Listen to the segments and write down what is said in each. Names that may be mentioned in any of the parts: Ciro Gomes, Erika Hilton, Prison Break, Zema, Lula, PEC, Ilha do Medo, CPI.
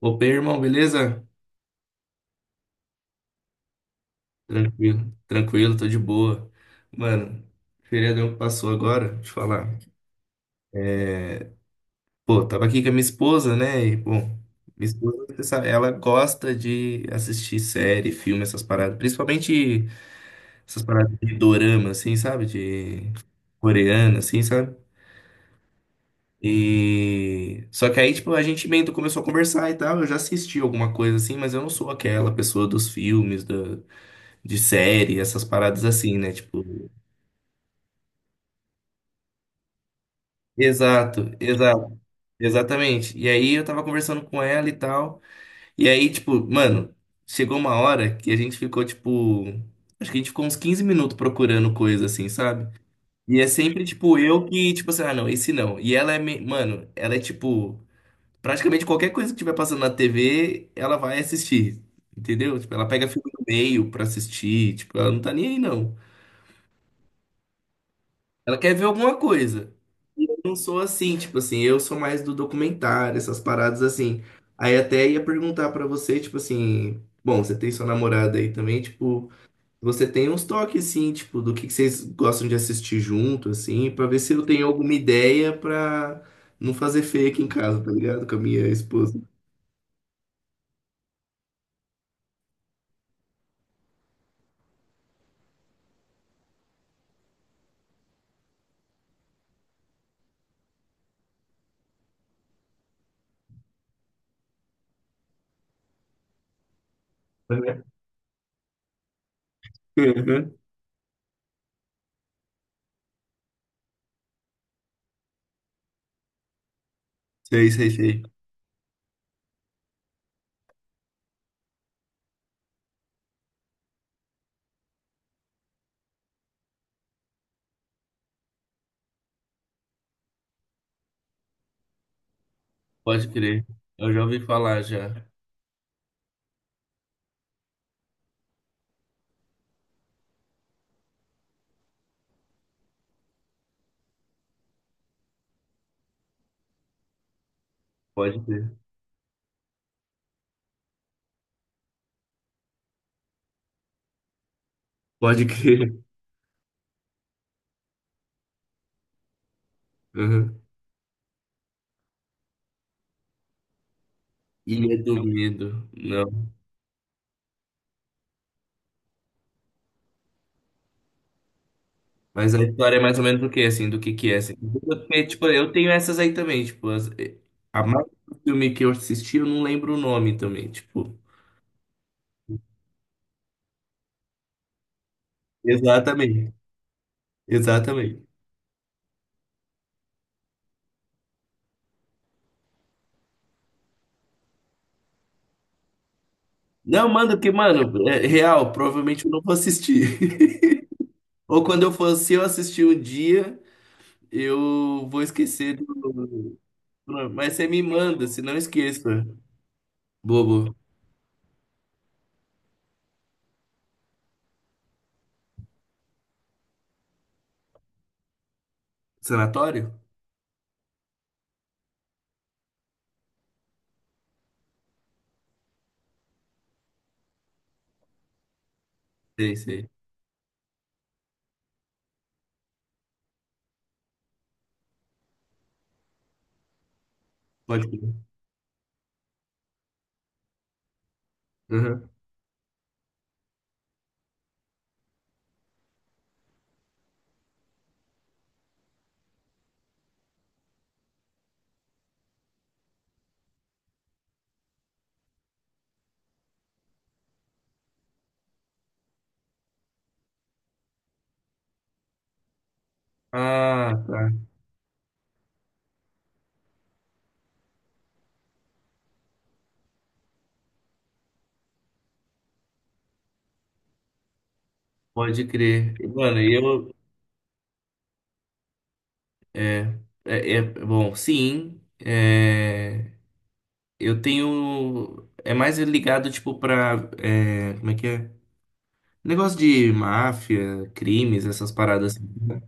Opa, aí, irmão, beleza? Tranquilo, tranquilo, tô de boa. Mano, feriadão que passou agora, deixa eu falar. Pô, tava aqui com a minha esposa, né? E, pô, minha esposa, você sabe, ela gosta de assistir série, filme, essas paradas. Principalmente essas paradas de dorama, assim, sabe? De coreana, assim, sabe? E. Só que aí, tipo, a gente meio que começou a conversar e tal. Eu já assisti alguma coisa assim, mas eu não sou aquela pessoa dos filmes, da de série, essas paradas assim, né? Tipo. Exato, exato, exatamente. E aí eu tava conversando com ela e tal. E aí, tipo, mano, chegou uma hora que a gente ficou, tipo, acho que a gente ficou uns 15 minutos procurando coisa assim, sabe? E é sempre, tipo, eu que, tipo assim, ah, não, esse não. E ela mano, ela é tipo, praticamente qualquer coisa que tiver passando na TV, ela vai assistir, entendeu? Tipo, ela pega filme no meio pra assistir, tipo, ela não tá nem aí, não. Ela quer ver alguma coisa. Não sou assim, tipo assim, eu sou mais do documentário, essas paradas assim. Aí até ia perguntar pra você, tipo assim, bom, você tem sua namorada aí também, tipo, você tem uns toques assim, tipo, do que vocês gostam de assistir junto, assim, pra ver se eu tenho alguma ideia pra não fazer feio aqui em casa, tá ligado? Com a minha esposa. Uhum. Uhum. Sei, sei, sei. Pode crer. Eu já ouvi falar já. Pode crer. Pode crer. Uhum. Ilha do Medo. Mas a história é mais ou menos do que, assim, do que é, assim. Porque, tipo, eu tenho essas aí também, tipo, a mais do filme que eu assisti, eu não lembro o nome também, tipo. Exatamente, exatamente. Não, mano, porque, mano, é real, provavelmente eu não vou assistir. Ou quando eu for, se eu assistir um dia, eu vou esquecer do. Mas você me manda, se não esqueça. Bobo. Sanatório? Sei, sei. Pode crer. Uhum. Ah, tá. Pode crer. Mano, bom, sim. Eu tenho. É mais ligado, tipo, como é que é? Negócio de máfia, crimes, essas paradas, assim, né?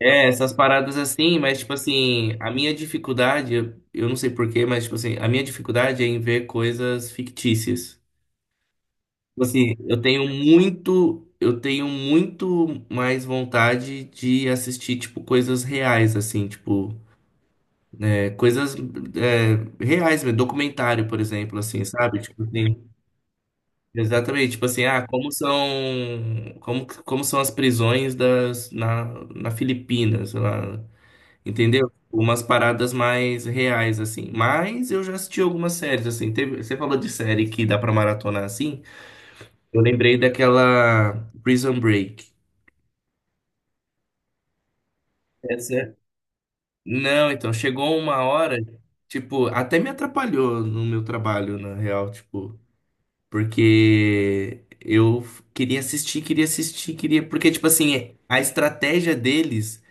É, essas paradas assim, mas, tipo assim, a minha dificuldade, eu não sei porquê, mas, tipo assim, a minha dificuldade é em ver coisas fictícias. Tipo assim, eu tenho muito. Eu tenho muito mais vontade de assistir, tipo, coisas reais, assim, tipo. É, coisas é, reais, mesmo, documentário, por exemplo, assim, sabe? Tipo assim, exatamente, tipo assim, ah, como são, como são as prisões na Filipinas, sei lá, entendeu? Umas paradas mais reais, assim. Mas eu já assisti algumas séries, assim, teve, você falou de série que dá pra maratonar, assim, eu lembrei daquela Prison Break. Essa? Não, então, chegou uma hora, tipo, até me atrapalhou no meu trabalho, na real, tipo... Porque eu queria assistir, queria assistir, queria. Porque, tipo assim, a estratégia deles,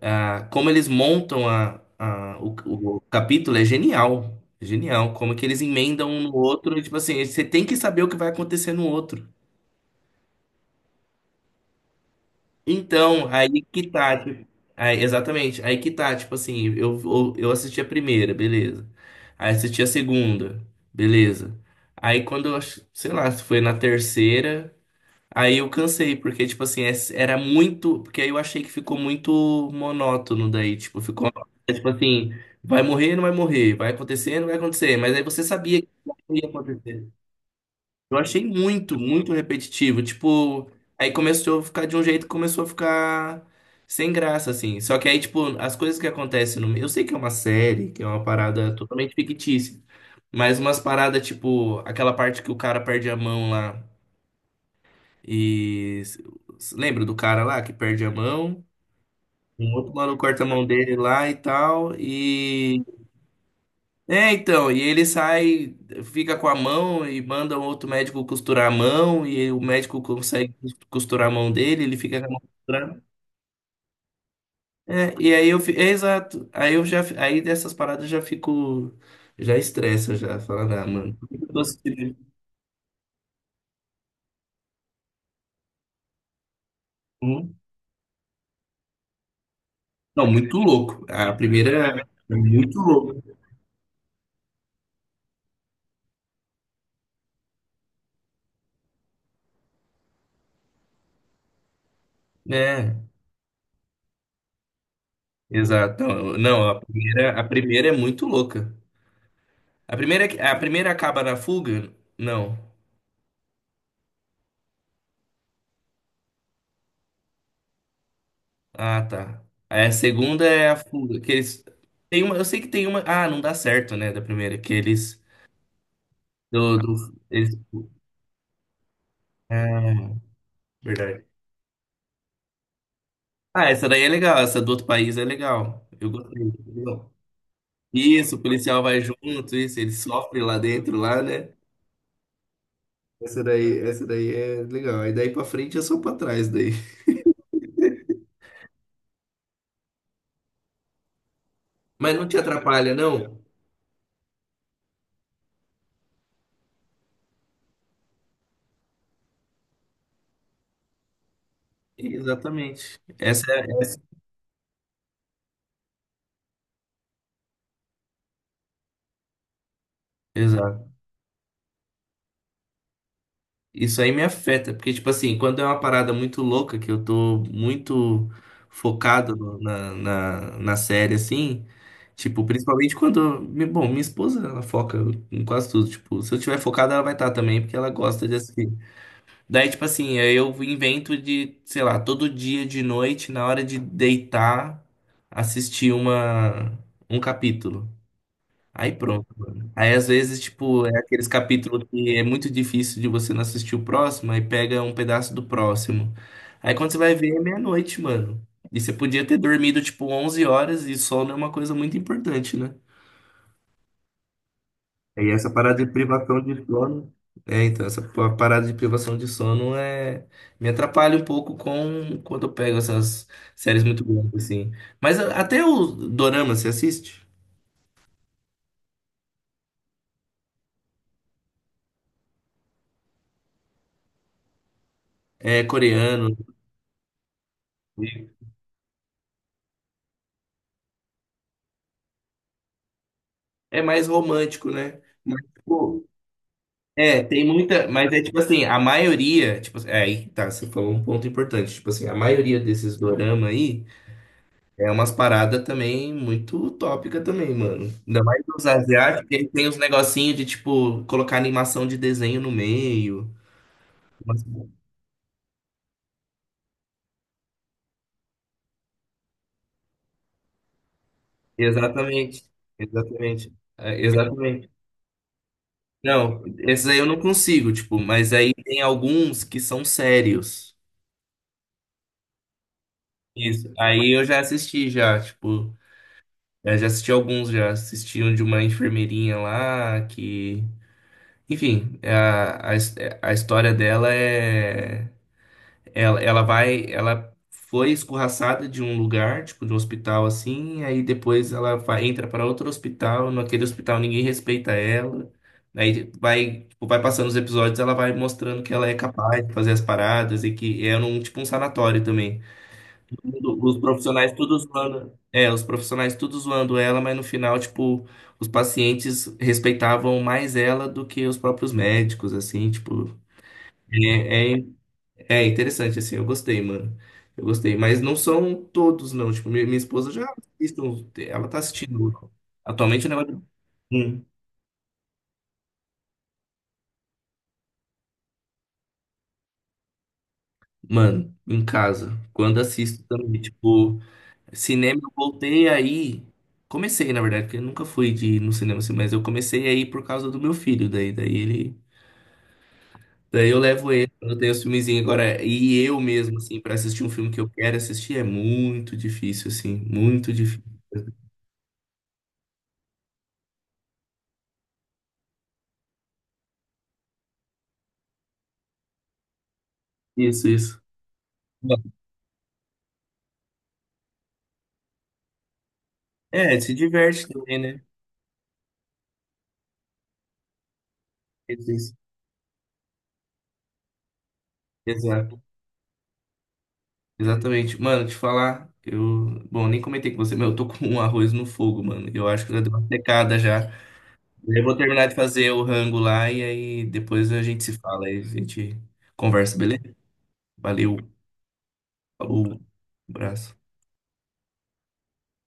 ah, como eles montam o capítulo é genial. É genial. Como que eles emendam um no outro, e, tipo assim, você tem que saber o que vai acontecer no outro. Então, aí que tá. Exatamente, aí que tá, tipo assim, eu assisti a primeira, beleza. Aí assisti a segunda, beleza. Aí quando eu, sei lá, se foi na terceira. Aí eu cansei, porque, tipo assim, era muito. Porque aí eu achei que ficou muito monótono daí. Tipo, ficou. Tipo assim, vai morrer, não vai morrer. Vai acontecer, não vai acontecer. Mas aí você sabia que ia acontecer. Eu achei muito, muito repetitivo. Tipo, aí começou a ficar de um jeito, que começou a ficar sem graça, assim. Só que aí, tipo, as coisas que acontecem no. meio- Eu sei que é uma série, que é uma parada totalmente fictícia. Mas umas paradas, tipo, aquela parte que o cara perde a mão lá. E lembra do cara lá que perde a mão? Um outro mano corta a mão dele lá e tal. E. É, então, e ele sai, fica com a mão e manda um outro médico costurar a mão. E o médico consegue costurar a mão dele, ele fica com a mão costurada. É, e aí É, exato. Aí Aí dessas paradas eu já fico. Já estressa, já. Falando, ah, mano, por que eu tô assistindo isso? Hum? Não, muito louco. A primeira. É muito louco. É. Exato. Não, não, a primeira é muito louca. A primeira, a primeira acaba na fuga? Não. Ah, tá. Aí a segunda é a fuga, que eles tem uma, eu sei que tem uma, ah, não dá certo, né, da primeira, que eles do, do eles, ah, verdade. Ah, essa daí é legal, essa do outro país é legal. Eu gostei. Legal. Isso, o policial vai junto, isso, ele sofre lá dentro lá, né? Essa daí é legal. Aí daí pra frente é só pra trás daí. Mas não te atrapalha, não? Exatamente. Essa é, exato. Isso aí me afeta, porque, tipo assim, quando é uma parada muito louca, que eu tô muito focado na série, assim, tipo, principalmente Bom, minha esposa, ela foca em quase tudo, tipo, se eu tiver focado, ela vai estar também, porque ela gosta de assistir. Daí, tipo assim, aí eu invento de, sei lá, todo dia de noite, na hora de deitar, assistir um capítulo. Aí pronto, mano. Aí às vezes, tipo, é aqueles capítulos que é muito difícil de você não assistir o próximo, aí pega um pedaço do próximo. Aí quando você vai ver, é meia-noite, mano. E você podia ter dormido, tipo, 11 horas e sono é uma coisa muito importante, né? E essa parada de privação de sono. É, então, essa parada de privação de sono é... me atrapalha um pouco com quando eu pego essas séries muito grandes, assim. Mas até o Dorama, você assiste? É coreano. É mais romântico, né? Mas, tipo, tem muita. Mas é tipo assim, a maioria. Tipo, aí tá, você falou um ponto importante. Tipo assim, a maioria desses dorama aí é umas paradas também muito utópica também, mano. Ainda mais os asiáticos, eles têm uns negocinhos de, tipo, colocar animação de desenho no meio. Mas- Exatamente. Exatamente. É, exatamente. Não, esses aí eu não consigo, tipo, mas aí tem alguns que são sérios. Isso. Aí eu já assisti já, tipo. Eu já assisti alguns, já assisti um de uma enfermeirinha lá que. Enfim, a história dela é. Ela vai. Ela foi escorraçada de um lugar, tipo, de um hospital assim, aí depois ela vai, entra para outro hospital, naquele hospital ninguém respeita ela. Aí vai, tipo, vai passando os episódios, ela vai mostrando que ela é capaz de fazer as paradas e que é num tipo um sanatório também Os profissionais tudo zoando. É, os profissionais tudo zoando ela, mas no final, tipo, os pacientes respeitavam mais ela do que os próprios médicos, assim, tipo. É, é, é interessante, assim, eu gostei, mano. Eu gostei. Mas não são todos, não. Tipo, minha esposa já assiste, ela tá assistindo. Atualmente o negócio. Hum, mano, em casa. Quando assisto também, tipo. Cinema, eu voltei aí. Comecei, na verdade, porque eu nunca fui de ir no cinema assim, mas eu comecei aí por causa do meu filho. Daí ele. Daí eu levo ele quando eu tenho os filmezinhos agora. E eu mesmo, assim, pra assistir um filme que eu quero assistir é muito difícil, assim. Muito difícil. Isso, isso. É, se diverte também, né? Isso, isso. Exato. Exatamente. Mano, te falar, eu. Bom, nem comentei com você, mas eu tô com um arroz no fogo, mano. Eu acho que já deu uma secada já. Eu vou terminar de fazer o rango lá e aí depois a gente se fala e a gente conversa, beleza? Valeu, falou, abraço.